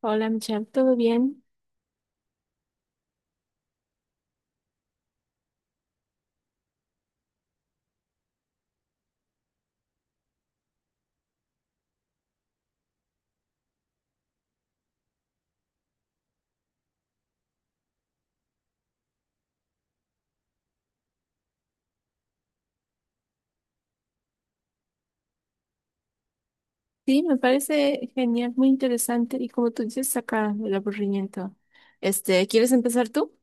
Hola Michelle, ¿todo bien? Sí, me parece genial, muy interesante y como tú dices, saca el aburrimiento. Este, ¿quieres empezar tú?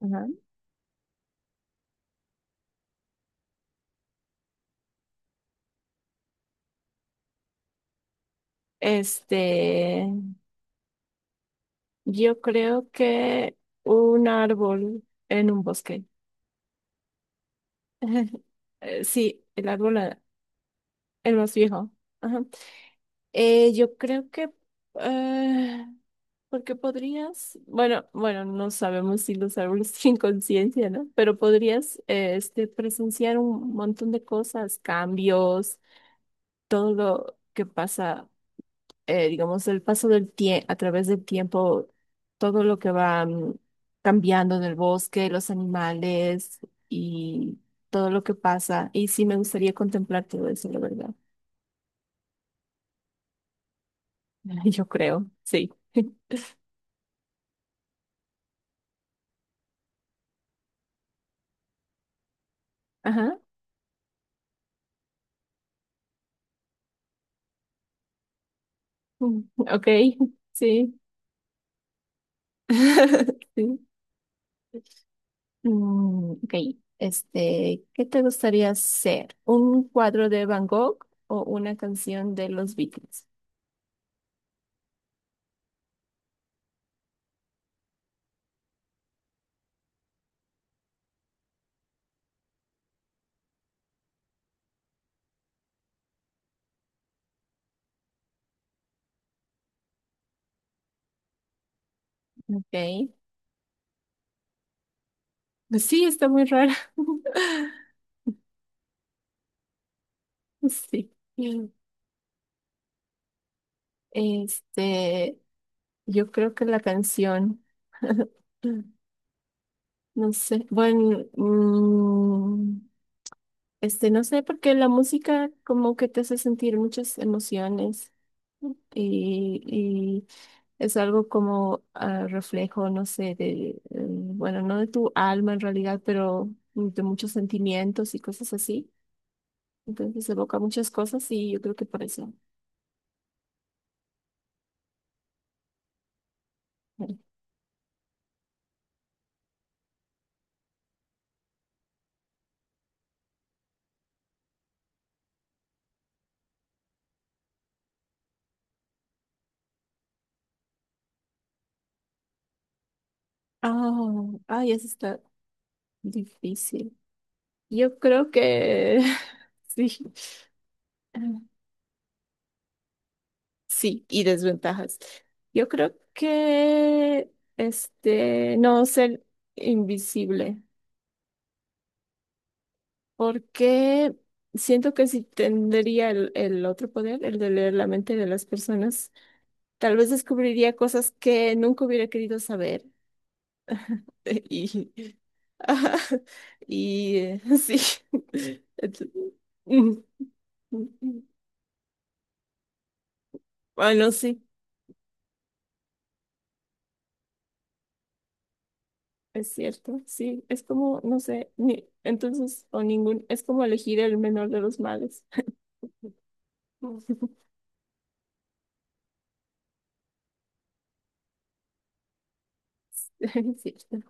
Ajá. Este, yo creo que un árbol en un bosque. Sí, el árbol, el más viejo. Ajá. Yo creo que... eh, porque podrías... Bueno, no sabemos si los árboles tienen conciencia, ¿no? Pero podrías este, presenciar un montón de cosas, cambios, todo lo que pasa, digamos, el paso del tiempo, a través del tiempo, todo lo que va cambiando en el bosque, los animales y todo lo que pasa. Y sí me gustaría contemplar todo eso, la verdad. Yo creo, sí. Ajá. Mm, ok, sí. Sí. Ok, este, ¿qué te gustaría hacer? ¿Un cuadro de Van Gogh o una canción de los Beatles? Ok, pues sí, está muy rara. Sí. Este, yo creo que la canción, no sé, bueno, este, no sé, porque la música como que te hace sentir muchas emociones. Y es algo como reflejo, no sé, de, bueno, no de tu alma en realidad, pero de muchos sentimientos y cosas así. Entonces evoca muchas cosas y yo creo que por eso. Bueno. Ah, ay, eso está difícil. Yo creo que sí. Ah, sí, y desventajas. Yo creo que este no ser invisible, porque siento que si tendría el otro poder, el de leer la mente de las personas, tal vez descubriría cosas que nunca hubiera querido saber. Y, ajá, y sí. Entonces, mm, mm, mm. Bueno, sí. Es cierto, sí, es como, no sé, ni, entonces, o ningún, es como elegir el menor de los males. Es cierto.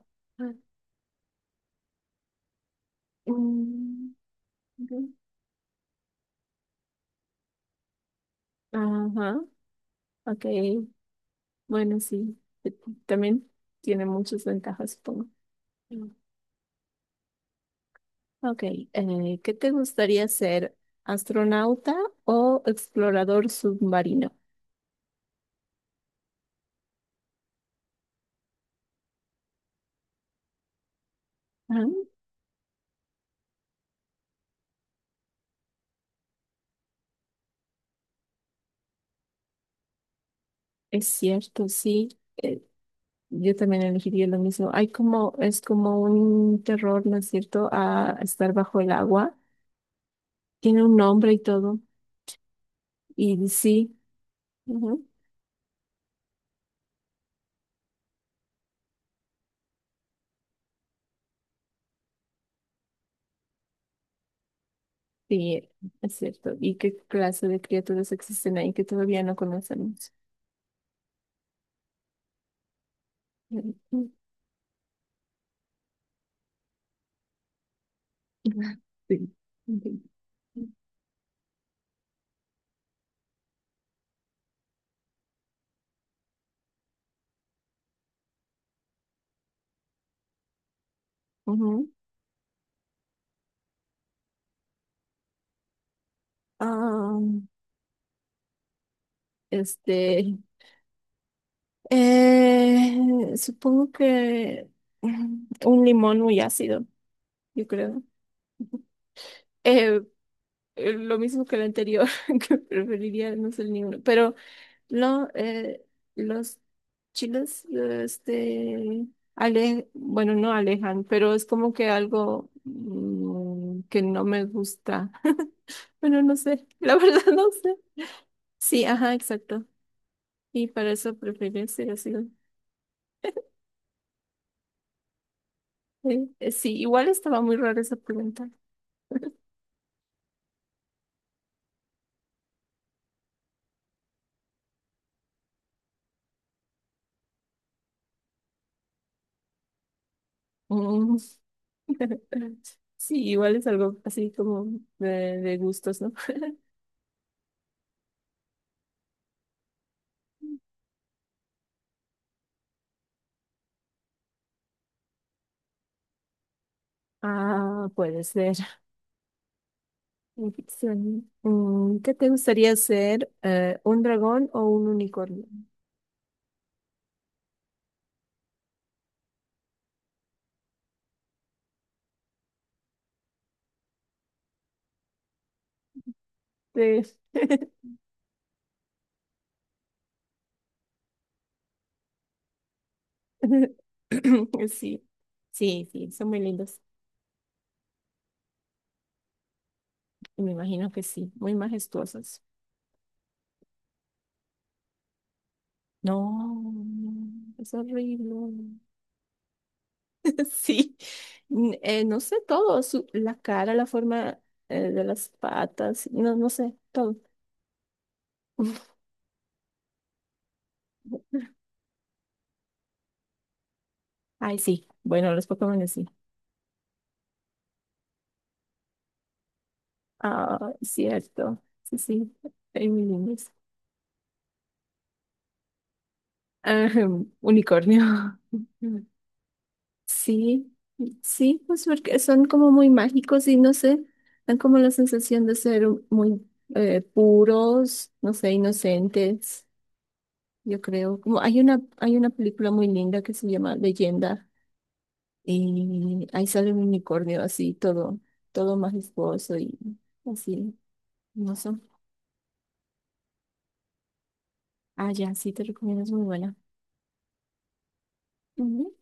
Mm, ok. Ajá, ok, bueno, sí, eh, también tiene muchas ventajas, supongo. Mm. Ok, ¿qué te gustaría ser? ¿Astronauta o explorador submarino? Ah, es cierto, sí. Eh, Yo también elegiría lo mismo. Hay como, es como un terror, ¿no es cierto?, a estar bajo el agua. Tiene un nombre y todo. Y sí, ujú, sí, es cierto. ¿Y qué clase de criaturas existen ahí que todavía no conocemos? Ujú. Sí. Ujú. Ah, este, supongo que un limón muy ácido, yo creo. Eh, lo mismo que el anterior, que preferiría no ser ninguno. Pero no, los chiles, este, ale, bueno, no alejan, pero es como que algo que no me gusta. Bueno, no sé, la verdad no sé. Sí, ajá, exacto. Y para eso preferiría ser así. ¿No? Sí, igual estaba muy rara esa pregunta. Mm. Sí, igual es algo así como de gustos, ¿no? Ah, puede ser. Ficción. Mm, ¿qué te gustaría ser? ¿Un dragón o un unicornio? Sí. Sí, sí, sí, son muy lindos. Y me imagino que sí, muy majestuosos. No, no, es horrible. Sí, no sé todo, la cara, la forma de las patas, no, no sé, todo. Ay, sí, bueno, los Pokémon sí. Ah, cierto, sí, sí, hay muy lindos. Ajá, unicornio. Sí, sí, pues porque son como muy mágicos y no sé, dan como la sensación de ser muy puros, no sé, inocentes, yo creo. Como hay una película muy linda que se llama Leyenda y ahí sale un unicornio así, todo, todo majestuoso y así, no sé. Ah, ya, sí, te recomiendo, es muy buena. Ujú,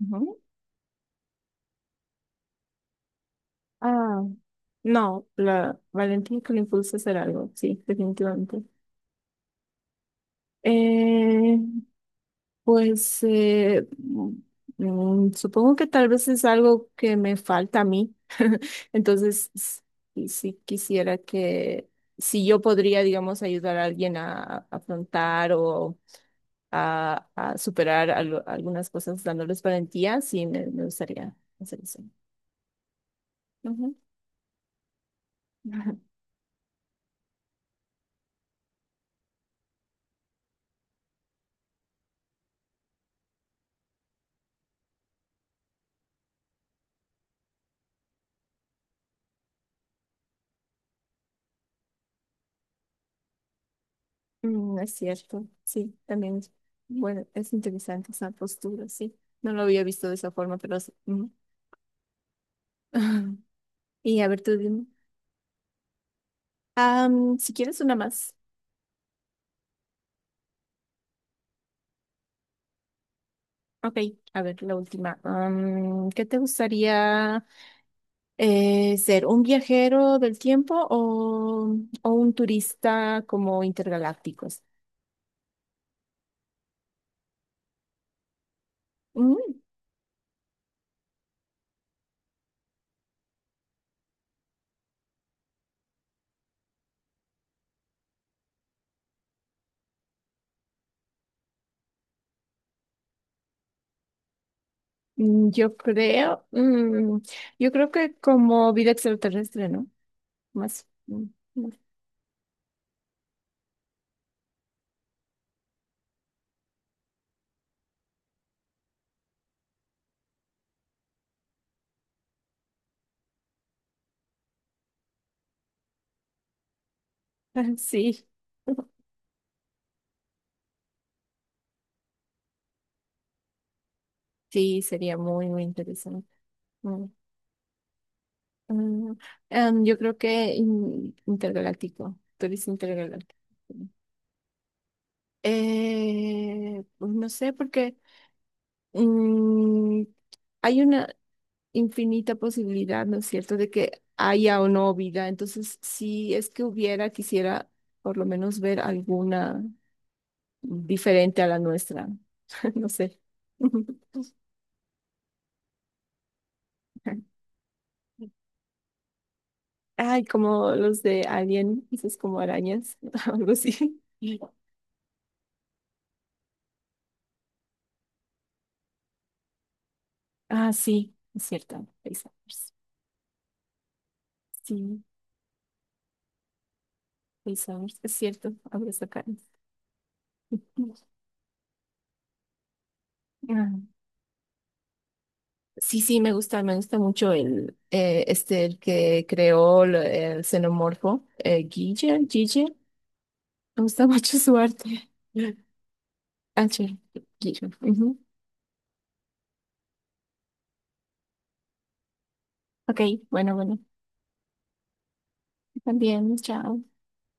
ujú. Ah, no, la valentía que le impulsa a hacer algo, sí, definitivamente. Eh, pues supongo que tal vez es algo que me falta a mí. Entonces, si, quisiera que, si yo podría, digamos, ayudar a alguien a afrontar o a superar algunas cosas dándoles valentía, sí, me gustaría hacer eso. Ujú. Mm, es cierto, sí, también, bueno, es interesante esa postura, sí. No lo había visto de esa forma, pero... sí. Ujú. Y a ver, tú dime. Am, si quieres una más. Ok, a ver, la última. Am, ¿qué te gustaría ser? ¿Un viajero del tiempo o un turista como intergalácticos? Mm, yo creo, yo creo que como vida extraterrestre, ¿no? Más, más. Sí, sí, sería muy, muy interesante. Mm, mm, yo creo que intergaláctico, turista intergaláctico. Pues no sé, porque mm, hay una infinita posibilidad, ¿no es cierto?, de que haya o no vida. Entonces, si es que hubiera, quisiera por lo menos ver alguna diferente a la nuestra. No sé. Ay, como los de Alien, dices como arañas, algo así. Ah, sí, es cierto. Face sí, face es cierto. Abro esa cara. Sí, sí, me gusta mucho el, este, el que creó el xenomorfo, Guille, Guille, me gusta mucho su arte. Ah, sí, Guille. Ujú. Ok, bueno, bueno, también, chao.